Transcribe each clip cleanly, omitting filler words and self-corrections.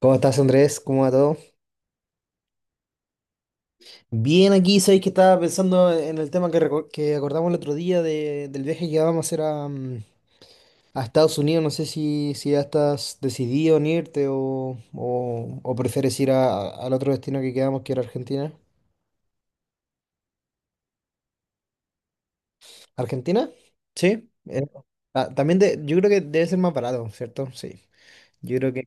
¿Cómo estás, Andrés? ¿Cómo va todo? Bien, aquí sabéis que estaba pensando en el tema que acordamos el otro día del viaje que vamos a hacer a a Estados Unidos. No sé si ya estás decidido en irte o prefieres ir al otro destino que quedamos, que era Argentina. ¿Argentina? Sí. También yo creo que debe ser más barato, ¿cierto? Sí. Yo creo que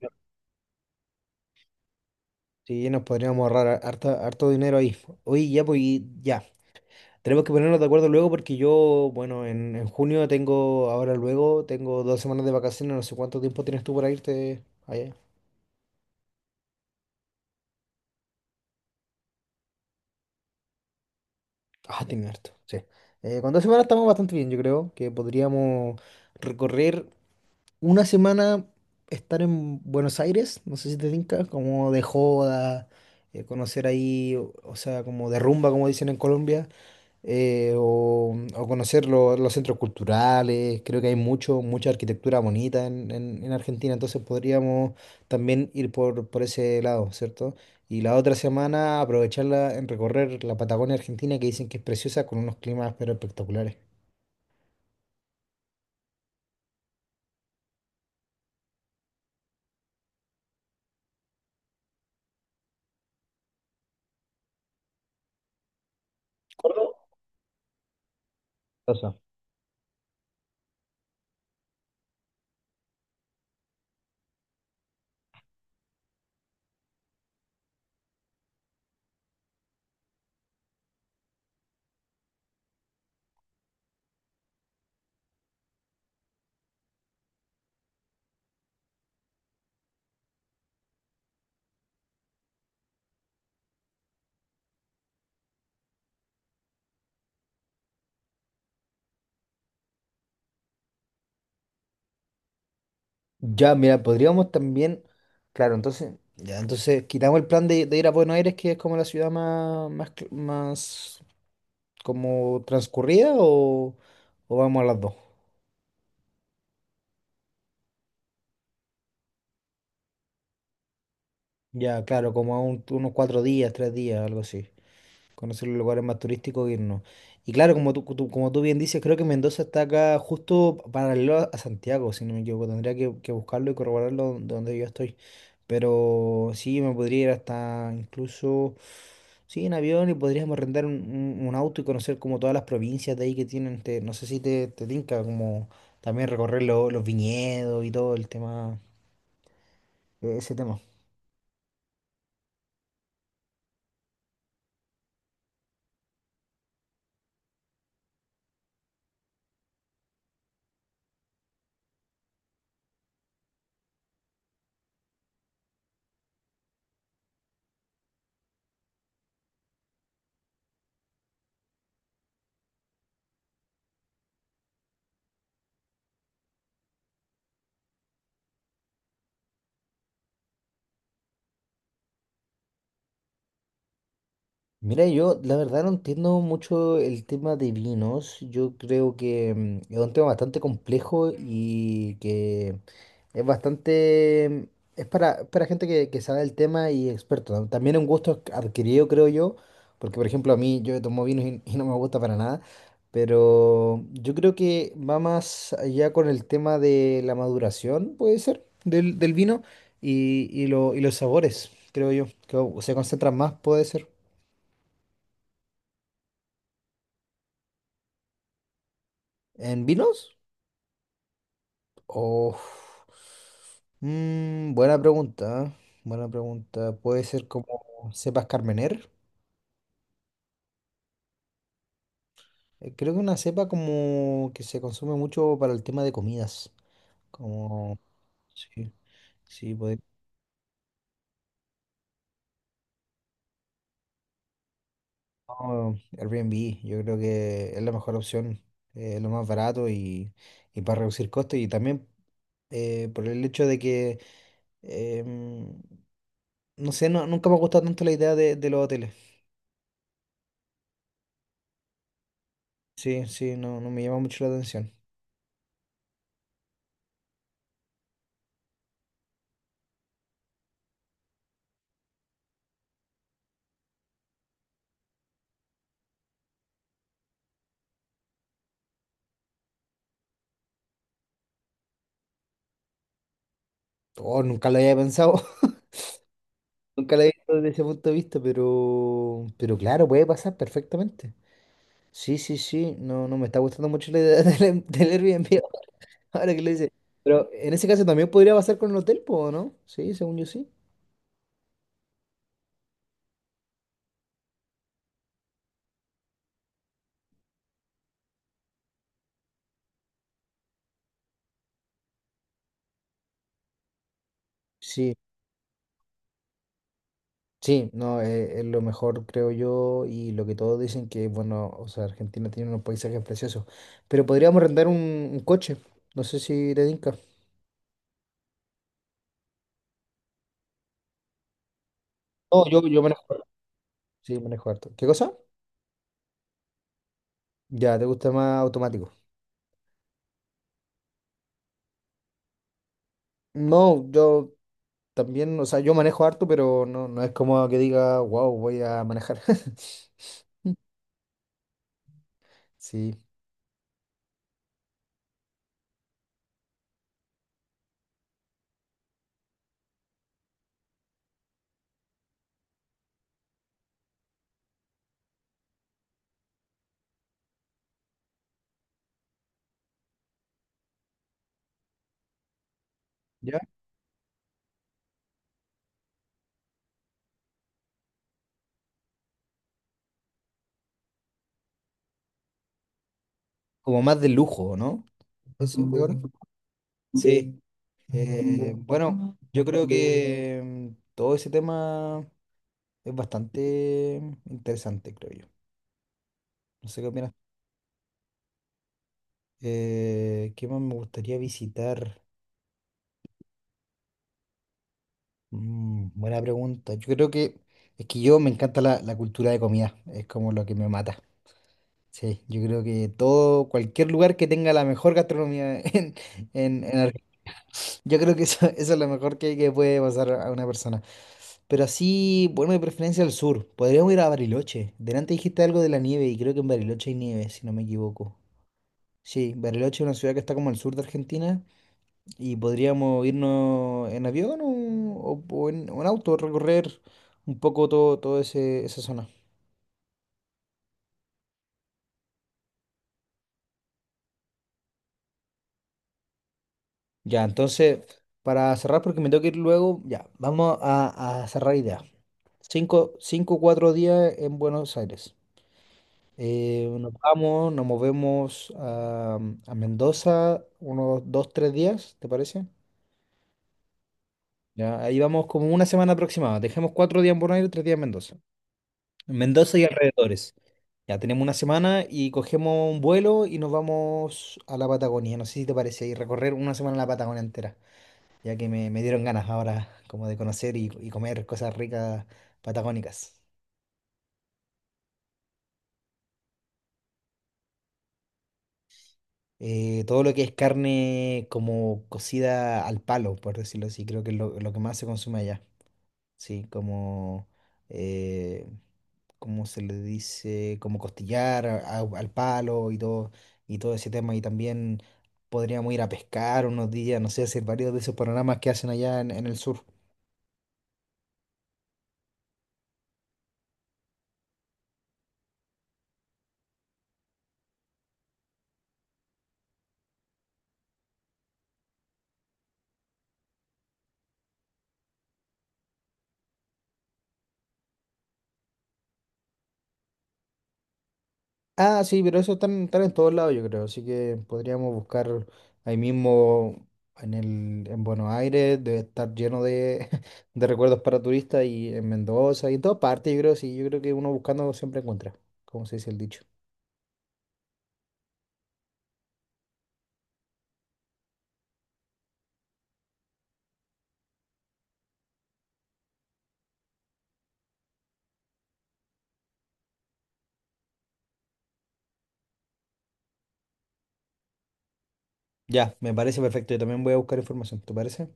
sí, nos podríamos ahorrar harto dinero ahí. Oye, ya, pues ya. Tenemos que ponernos de acuerdo luego porque yo, bueno, en junio tengo, ahora luego, tengo dos semanas de vacaciones, no sé cuánto tiempo tienes tú para irte allá. Ah, tienes harto, sí. Con dos semanas estamos bastante bien, yo creo que podríamos recorrer una semana, estar en Buenos Aires, no sé si te tinca, como de joda, conocer ahí, o sea, como de rumba, como dicen en Colombia. O o conocer los centros culturales. Creo que hay mucha arquitectura bonita en Argentina, entonces podríamos también ir por ese lado, ¿cierto? Y la otra semana aprovecharla en recorrer la Patagonia Argentina, que dicen que es preciosa, con unos climas pero espectaculares. Eso. Ya, mira, podríamos también, claro, entonces, ya, entonces quitamos el plan de ir a Buenos Aires, que es como la ciudad más como transcurrida, o vamos a las dos. Ya, claro, como a unos cuatro días, tres días, algo así. Conocer los lugares más turísticos e irnos. Y claro, como tú bien dices, creo que Mendoza está acá justo paralelo a Santiago, si no me equivoco. Tendría que buscarlo y corroborarlo de donde yo estoy. Pero sí, me podría ir hasta incluso, sí, en avión y podríamos rentar un auto y conocer como todas las provincias de ahí que tienen. No sé si te tinca, como también recorrer los viñedos y todo el tema, ese tema. Mira, yo la verdad no entiendo mucho el tema de vinos. Yo creo que es un tema bastante complejo y que es bastante. Es para gente que sabe el tema y experto. También es un gusto adquirido, creo yo, porque por ejemplo a mí yo tomo vinos y no me gusta para nada, pero yo creo que va más allá con el tema de la maduración, puede ser, del vino y los sabores, creo yo. Que se concentran más, puede ser. ¿En vinos? Oh, buena pregunta, ¿eh? Buena pregunta. Puede ser como cepas Carmener. Creo que una cepa como que se consume mucho para el tema de comidas. Como, sí, sí, puede. No, Airbnb, yo creo que es la mejor opción, lo más barato y para reducir costos. Y también por el hecho de que, em, no sé, no, nunca me ha gustado tanto la idea de los hoteles. Sí, sí, no, no me llama mucho la atención. Oh, nunca lo había pensado, nunca lo había visto desde ese punto de vista, pero claro, puede pasar perfectamente. Sí, sí, sí, no, no me está gustando mucho la idea del Airbnb ahora que lo dice. Pero en ese caso también podría pasar con el hotel, po, ¿o ¿no? Sí, según yo sí. Sí, sí, no, es, lo mejor, creo yo, y lo que todos dicen que, bueno, o sea, Argentina tiene unos paisajes preciosos, pero podríamos rentar un coche, no sé si te tinca. No, yo manejo, harto, sí, manejo harto. ¿Qué cosa? Ya, ¿te gusta más automático? No, yo también, o sea, yo manejo harto, pero no, no es como que diga, wow, voy a manejar. Sí, ¿ya? Como más de lujo, ¿no? Eso, Leona. Sí, bueno, yo creo que todo ese tema es bastante interesante, creo yo. No sé qué opinas. ¿Qué más me gustaría visitar? Buena pregunta. Yo creo que es que yo me encanta la cultura de comida, es como lo que me mata. Sí, yo creo que todo, cualquier lugar que tenga la mejor gastronomía en Argentina, yo creo que eso es lo mejor que puede pasar a una persona. Pero así, bueno, de preferencia al sur. Podríamos ir a Bariloche. Delante dijiste algo de la nieve y creo que en Bariloche hay nieve, si no me equivoco. Sí, Bariloche es una ciudad que está como al sur de Argentina y podríamos irnos en avión o en auto, recorrer un poco todo, todo esa zona. Ya, entonces, para cerrar, porque me tengo que ir luego, ya, vamos a cerrar ideas. Cuatro días en Buenos Aires. Nos movemos a Mendoza unos dos, tres días, ¿te parece? Ya, ahí vamos como una semana aproximada. Dejemos cuatro días en Buenos Aires, tres días en Mendoza. En Mendoza y alrededores. Ya tenemos una semana y cogemos un vuelo y nos vamos a la Patagonia. No sé si te parece, y recorrer una semana la Patagonia entera. Ya que me dieron ganas ahora como de conocer y comer cosas ricas patagónicas. Todo lo que es carne como cocida al palo, por decirlo así, creo que es lo que más se consume allá. Sí, como, eh, ¿cómo se le dice? Como costillar al palo y todo ese tema. Y también podríamos ir a pescar unos días, no sé, hacer varios de esos panoramas que hacen allá en el sur. Ah, sí, pero eso están, están en todos lados, yo creo. Así que podríamos buscar ahí mismo en Buenos Aires, debe estar lleno de, de recuerdos para turistas y en Mendoza y en todas partes, yo creo, sí, yo creo que uno buscando siempre encuentra, como se dice el dicho. Ya, me parece perfecto. Yo también voy a buscar información, ¿te parece?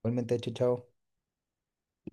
Igualmente, chao, chao.